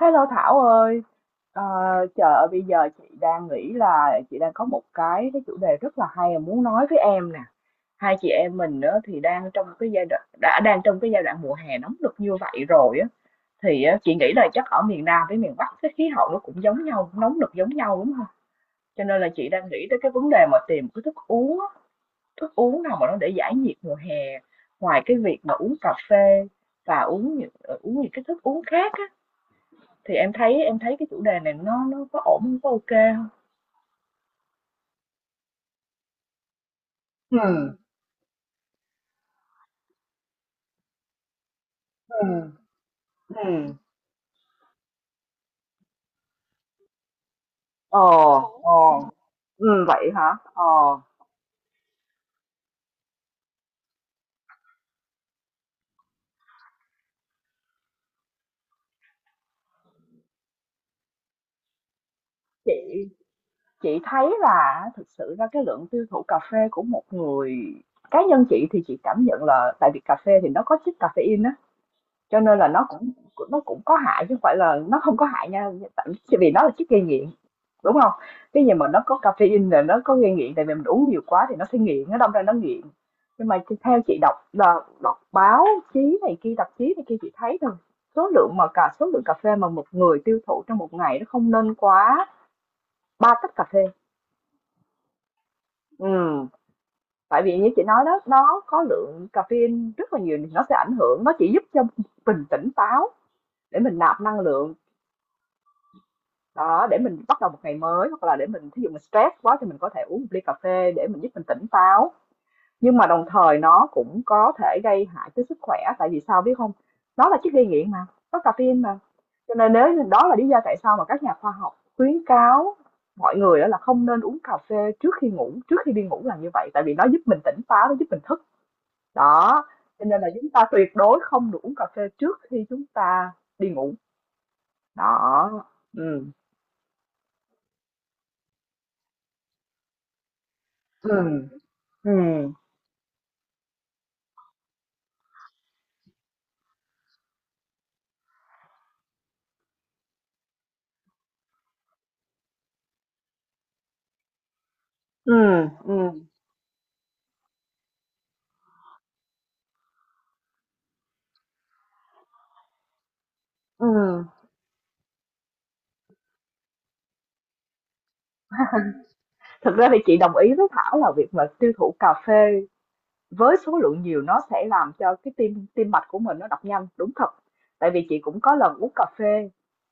Hello Thảo ơi, Ờ, trời ơi bây giờ chị đang nghĩ là chị đang có một cái chủ đề rất là hay mà muốn nói với em nè. Hai chị em mình đó thì đang trong cái giai đoạn đã đang trong cái giai đoạn mùa hè nóng nực như vậy rồi á thì á, chị nghĩ là chắc ở miền Nam với miền Bắc cái khí hậu nó cũng giống nhau, nóng nực giống nhau đúng không? Cho nên là chị đang nghĩ tới cái vấn đề mà tìm cái thức uống, á, thức uống nào mà nó để giải nhiệt mùa hè. Ngoài cái việc mà uống cà phê và uống uống những cái thức uống khác á, thì em thấy cái chủ đề này nó có ổn hông? Có ô kê ừ ừ ừm, ừm. Ờ, ờ. Vậy hả? Ờ, chị chị thấy là thực sự ra cái lượng tiêu thụ cà phê của một người cá nhân chị thì chị cảm nhận là tại vì cà phê thì nó có chất caffeine á. Cho nên là nó cũng có hại chứ không phải là nó không có hại nha, tại vì nó là chất gây nghiện, đúng không? Cái gì mà nó có caffeine là nó có gây nghiện, tại vì mình uống nhiều quá thì nó sẽ nghiện, nó đâm ra nó nghiện. Nhưng mà theo chị đọc là đọc báo chí này kia, tạp chí này kia chị thấy rằng số lượng mà cả số lượng cà phê mà một người tiêu thụ trong một ngày nó không nên quá 3 tách cà phê. Ừm, tại vì như chị nói đó, nó có lượng caffeine rất là nhiều nó sẽ ảnh hưởng, nó chỉ giúp cho mình tỉnh táo để mình nạp năng lượng đó để mình bắt đầu một ngày mới hoặc là để mình thí dụ mình stress quá thì mình có thể uống một ly cà phê để mình giúp mình tỉnh táo, nhưng mà đồng thời nó cũng có thể gây hại tới sức khỏe tại vì sao biết không? Nó là chất gây nghiện mà có caffeine mà, cho nên nếu đó là lý do tại sao mà các nhà khoa học khuyến cáo mọi người đó là không nên uống cà phê trước khi ngủ, trước khi đi ngủ là như vậy, tại vì nó giúp mình tỉnh táo, nó giúp mình thức đó. Cho nên là chúng ta tuyệt đối không được uống cà phê trước khi chúng ta đi ngủ đó. ừ ừ ừ Ừ, ừ, ừ. Thực ra thì chị đồng ý với Thảo là việc mà tiêu thụ cà phê với số lượng nhiều nó sẽ làm cho cái tim tim mạch của mình nó đập nhanh, đúng thật. Tại vì chị cũng có lần uống cà phê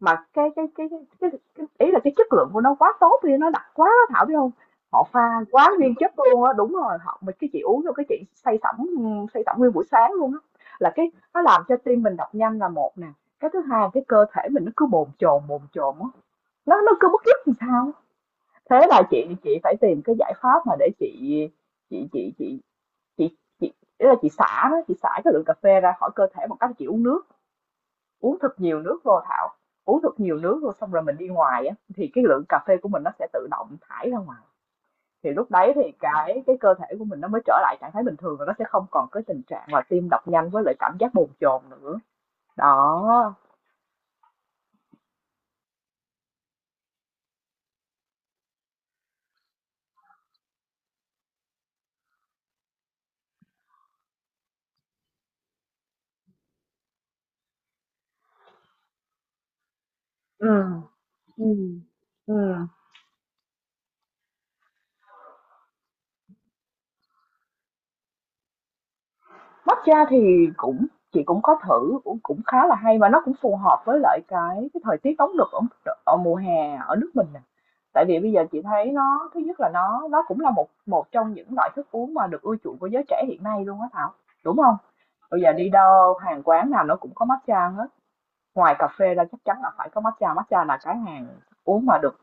mà cái ý là cái chất lượng của nó quá tốt đi, nó đặc quá đó Thảo biết không? Họ pha quá nguyên chất luôn á, đúng rồi, họ mình cái chị uống vô cái chị say sẩm, say sẩm nguyên buổi sáng luôn á. Là cái nó làm cho tim mình đập nhanh là một nè, cái thứ hai cái cơ thể mình nó cứ bồn chồn á, nó cứ bứt rứt làm sao. Thế là chị phải tìm cái giải pháp mà để chị chị chị chị ý là chị xả đó, chị xả cái lượng cà phê ra khỏi cơ thể bằng cách chị uống nước, uống thật nhiều nước vô Thảo, uống thật nhiều nước vô xong rồi mình đi ngoài á thì cái lượng cà phê của mình nó sẽ tự động thải ra ngoài. Thì lúc đấy thì cái cơ thể của mình nó mới trở lại trạng thái bình thường và nó sẽ không còn cái tình trạng mà tim đập nhanh với lại cảm giác bồn chồn nữa. Đó. ừ ừ ừ Matcha thì cũng chị cũng có thử, cũng cũng khá là hay và nó cũng phù hợp với lại cái thời tiết nóng nực ở ở mùa hè ở nước mình nè. Tại vì bây giờ chị thấy nó thứ nhất là nó cũng là một một trong những loại thức uống mà được ưa chuộng của giới trẻ hiện nay luôn á Thảo, đúng không? Bây giờ đi đâu hàng quán nào nó cũng có matcha hết, ngoài cà phê ra chắc chắn là phải có matcha, matcha là cái hàng uống mà được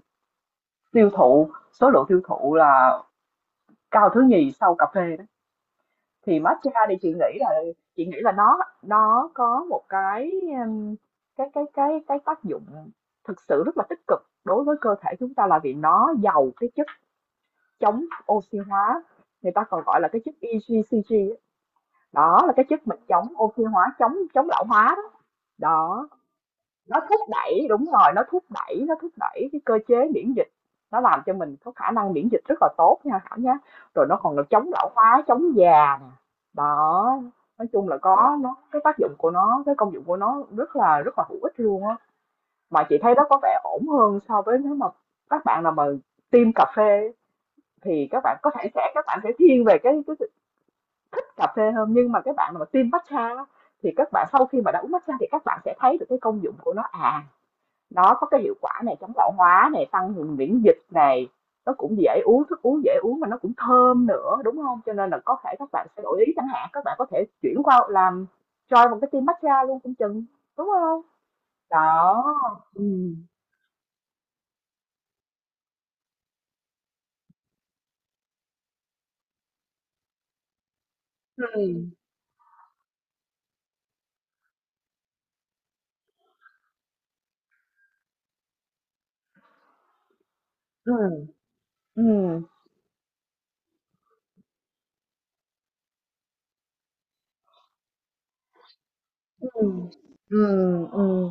tiêu thụ, số lượng tiêu thụ là cao thứ nhì sau cà phê. Thì matcha thì chị nghĩ là nó có một cái um, cái tác dụng thực sự rất là tích cực đối với cơ thể chúng ta là vì nó giàu cái chất chống oxy hóa, người ta còn gọi là cái chất EGCG á. Đó là cái chất mà chống oxy hóa, chống chống lão hóa đó. Đó, nó thúc đẩy đúng rồi nó thúc đẩy cái cơ chế miễn dịch, nó làm cho mình có khả năng miễn dịch rất là tốt nha Thảo nhé. Rồi nó còn là chống lão hóa, chống già nè. Đó, nói chung là có nó cái tác dụng của nó, cái công dụng của nó rất là hữu ích luôn á. Mà chị thấy nó có vẻ ổn hơn so với nếu mà các bạn nào mà tiêm cà phê thì các bạn có thể sẽ các bạn sẽ thiên về cái thích cà phê hơn, nhưng mà các bạn nào mà tiêm matcha thì các bạn sau khi mà đã uống matcha thì các bạn sẽ thấy được cái công dụng của nó. À, nó có cái hiệu quả này, chống lão hóa này, tăng cường miễn dịch này, nó cũng dễ uống, thức uống dễ uống mà nó cũng thơm nữa đúng không? Cho nên là có thể các bạn sẽ đổi ý, chẳng hạn các bạn có thể chuyển qua làm cho một cái team matcha luôn cũng chừng, đúng không? Đó. Ừ ừ ừ ừ ừ ừ ừ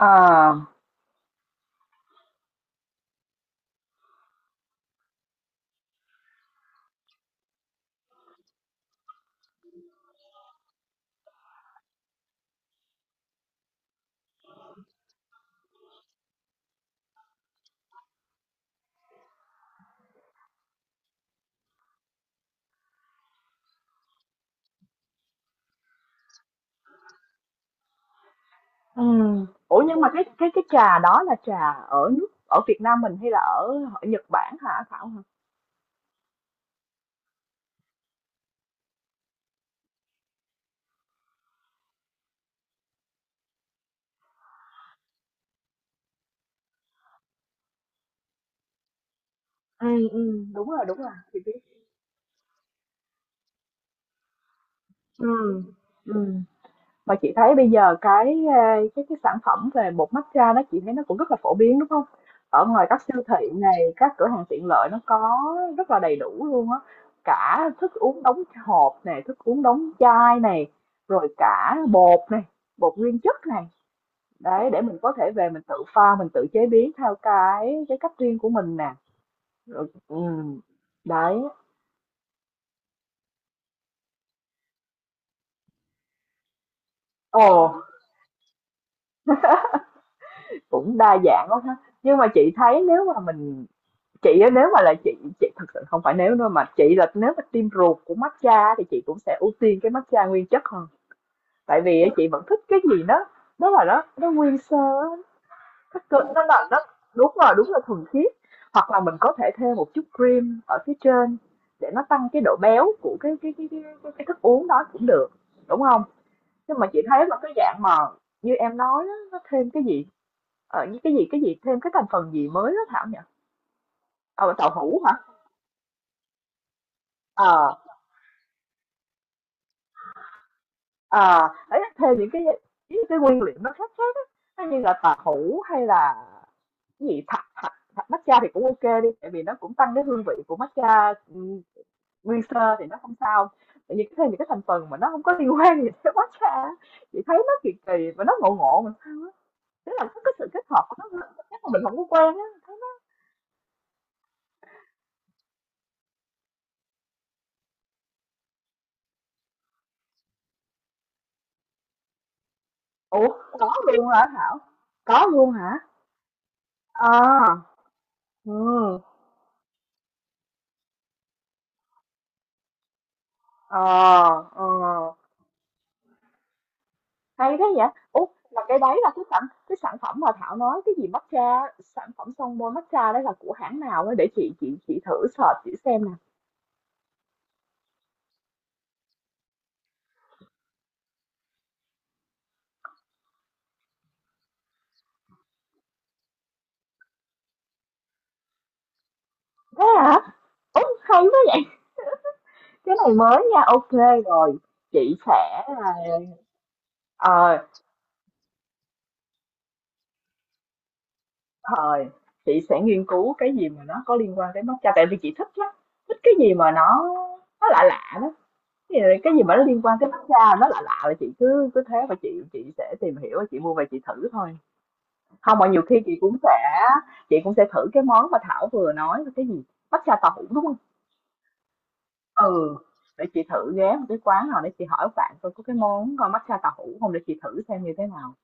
à ừ. Ủa nhưng mà cái trà đó là trà ở nước ở Việt Nam mình hay là ở, ở Nhật Bản hả Thảo hả? Ừ đúng rồi chị biết. ừ ừ Mà chị thấy bây giờ cái, a, cái cái sản phẩm về bột matcha đó chị thấy nó cũng rất là phổ biến, đúng không? Ở ngoài các siêu thị này, các cửa hàng tiện lợi nó có rất là đầy đủ luôn á, cả thức uống đóng hộp này, thức uống đóng chai này, rồi cả bột này, bột nguyên chất này, đấy, để mình có thể về mình tự pha, mình tự chế biến theo cái cách riêng của mình nè, rồi đấy. Ồ, cũng đa dạng quá ha. Nhưng mà chị thấy nếu mà mình Chị á, nếu mà là chị chị thực sự không phải nếu đâu mà chị là nếu mà team ruột của matcha á, thì chị cũng sẽ ưu tiên cái matcha nguyên chất hơn, tại vì á, chị vẫn thích cái gì đó, đó là nó nguyên sơ á, nó là nó đúng rồi đúng là thuần khiết, hoặc là mình có thể thêm một chút cream ở phía trên để nó tăng cái độ béo của cái thức uống đó cũng được, đúng không? Nhưng mà chị thấy là cái dạng mà như em nói á, nó thêm cái gì như cái gì thêm cái thành phần gì mới đó Thảo nhỉ? Ờ tàu hũ hả? ờ À ấy thêm những cái nguyên liệu nó khác khác á, như là tàu hũ hay là cái gì thạch thạch thạch matcha thì cũng ok đi, tại vì nó cũng tăng cái hương vị của matcha nguyên sơ thì nó không sao. Tự nhiên thêm những cái thành phần mà nó không có liên quan gì tới matcha á, chị thấy nó kỳ kỳ và nó ngộ ngộ mà sao á. Thế là có cái sự kết hợp của nó chắc là mình không có quen á thấy nó. Ủa có luôn hả Thảo? Có luôn hả? À, ừ ờ ờ hay thế vậy? Ủa, là cái đấy là cái sản phẩm mà Thảo nói cái gì matcha, sản phẩm son môi matcha đấy là của hãng nào ấy để chị thử search chị xem nè. Thế hả? Ủa, hay thế vậy? Cái này mới nha. Ok rồi. Chị sẽ ờ thời chị sẽ nghiên cứu cái gì mà nó có liên quan tới matcha tại vì chị thích lắm. Thích cái gì mà nó lạ lạ đó. Cái gì mà nó liên quan tới matcha nó lạ lạ là chị cứ cứ thế và chị sẽ tìm hiểu và chị mua về chị thử thôi. Không mà nhiều khi chị cũng sẽ thử cái món mà Thảo vừa nói là cái gì? Matcha tàu hũ, đúng không? Ừ, để chị thử ghé một cái quán nào để chị hỏi bạn coi có cái món, matcha tàu hũ không để chị thử xem như thế nào.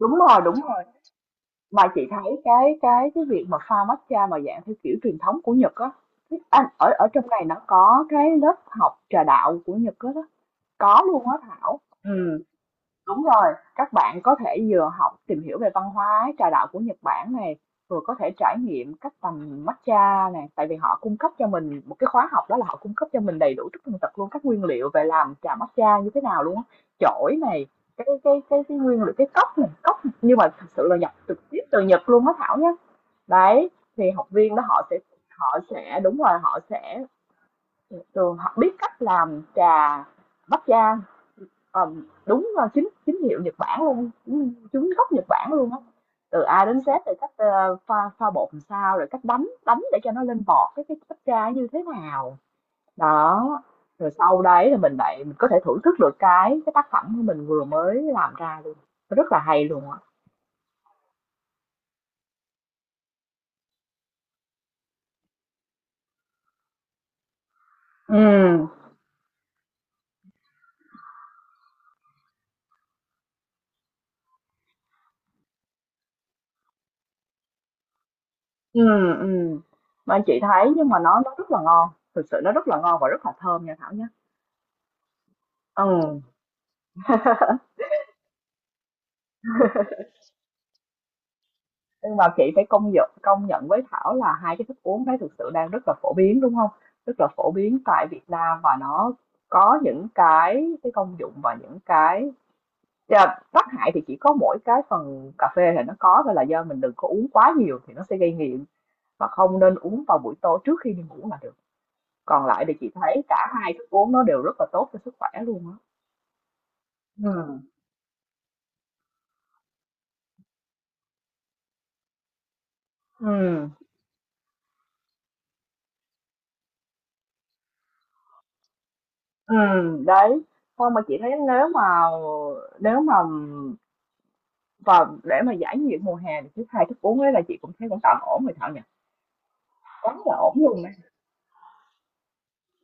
Đúng rồi, mà chị thấy cái việc mà pha matcha mà dạng theo kiểu truyền thống của Nhật á, ở ở trong này nó có cái lớp học trà đạo của Nhật á đó, có luôn á Thảo. Ừ Đúng rồi, các bạn có thể vừa học tìm hiểu về văn hóa trà đạo của Nhật Bản này, vừa có thể trải nghiệm cách tầm matcha này, tại vì họ cung cấp cho mình một cái khóa học, đó là họ cung cấp cho mình đầy đủ tất tần tật luôn các nguyên liệu về làm trà matcha như thế nào luôn á, chổi này, cái nguyên liệu cái cốc này, cốc nhưng mà thật sự là nhập trực tiếp từ Nhật luôn á Thảo nhé. Đấy, thì học viên đó họ sẽ đúng rồi họ sẽ thường họ biết cách làm trà matcha. Đúng rồi, chính chính hiệu Nhật Bản luôn, chính chính gốc Nhật Bản luôn á, từ A đến Z từ cách, pha pha bột làm sao, rồi cách đánh đánh để cho nó lên bọt cái cách tra như thế nào. Đó, rồi sau đấy là mình có thể thưởng thức được cái tác phẩm của mình vừa mới làm ra luôn, rất là hay luôn á. Ừ, ừ, ừ, mà anh chị thấy nhưng mà nó rất là ngon, thực sự nó rất là ngon và rất là thơm nha Thảo nhé. Ừ. Nhưng mà chị phải công nhận với Thảo là hai cái thức uống đấy thực sự đang rất là phổ biến, đúng không? Rất là phổ biến tại Việt Nam và nó có những cái công dụng và những cái yeah, tác hại thì chỉ có mỗi cái phần cà phê thì nó có thôi, là do mình đừng có uống quá nhiều thì nó sẽ gây nghiện và không nên uống vào buổi tối trước khi đi ngủ là được. Còn lại thì chị thấy cả hai thức uống nó đều rất là tốt cho sức khỏe luôn á. Ừ ừ đấy. Xong mà chị thấy nếu mà và để mà giải nhiệt mùa hè thì cái 2 thức uống ấy là chị cũng thấy cũng tạm ổn rồi Thảo nhỉ? Quá là ổn luôn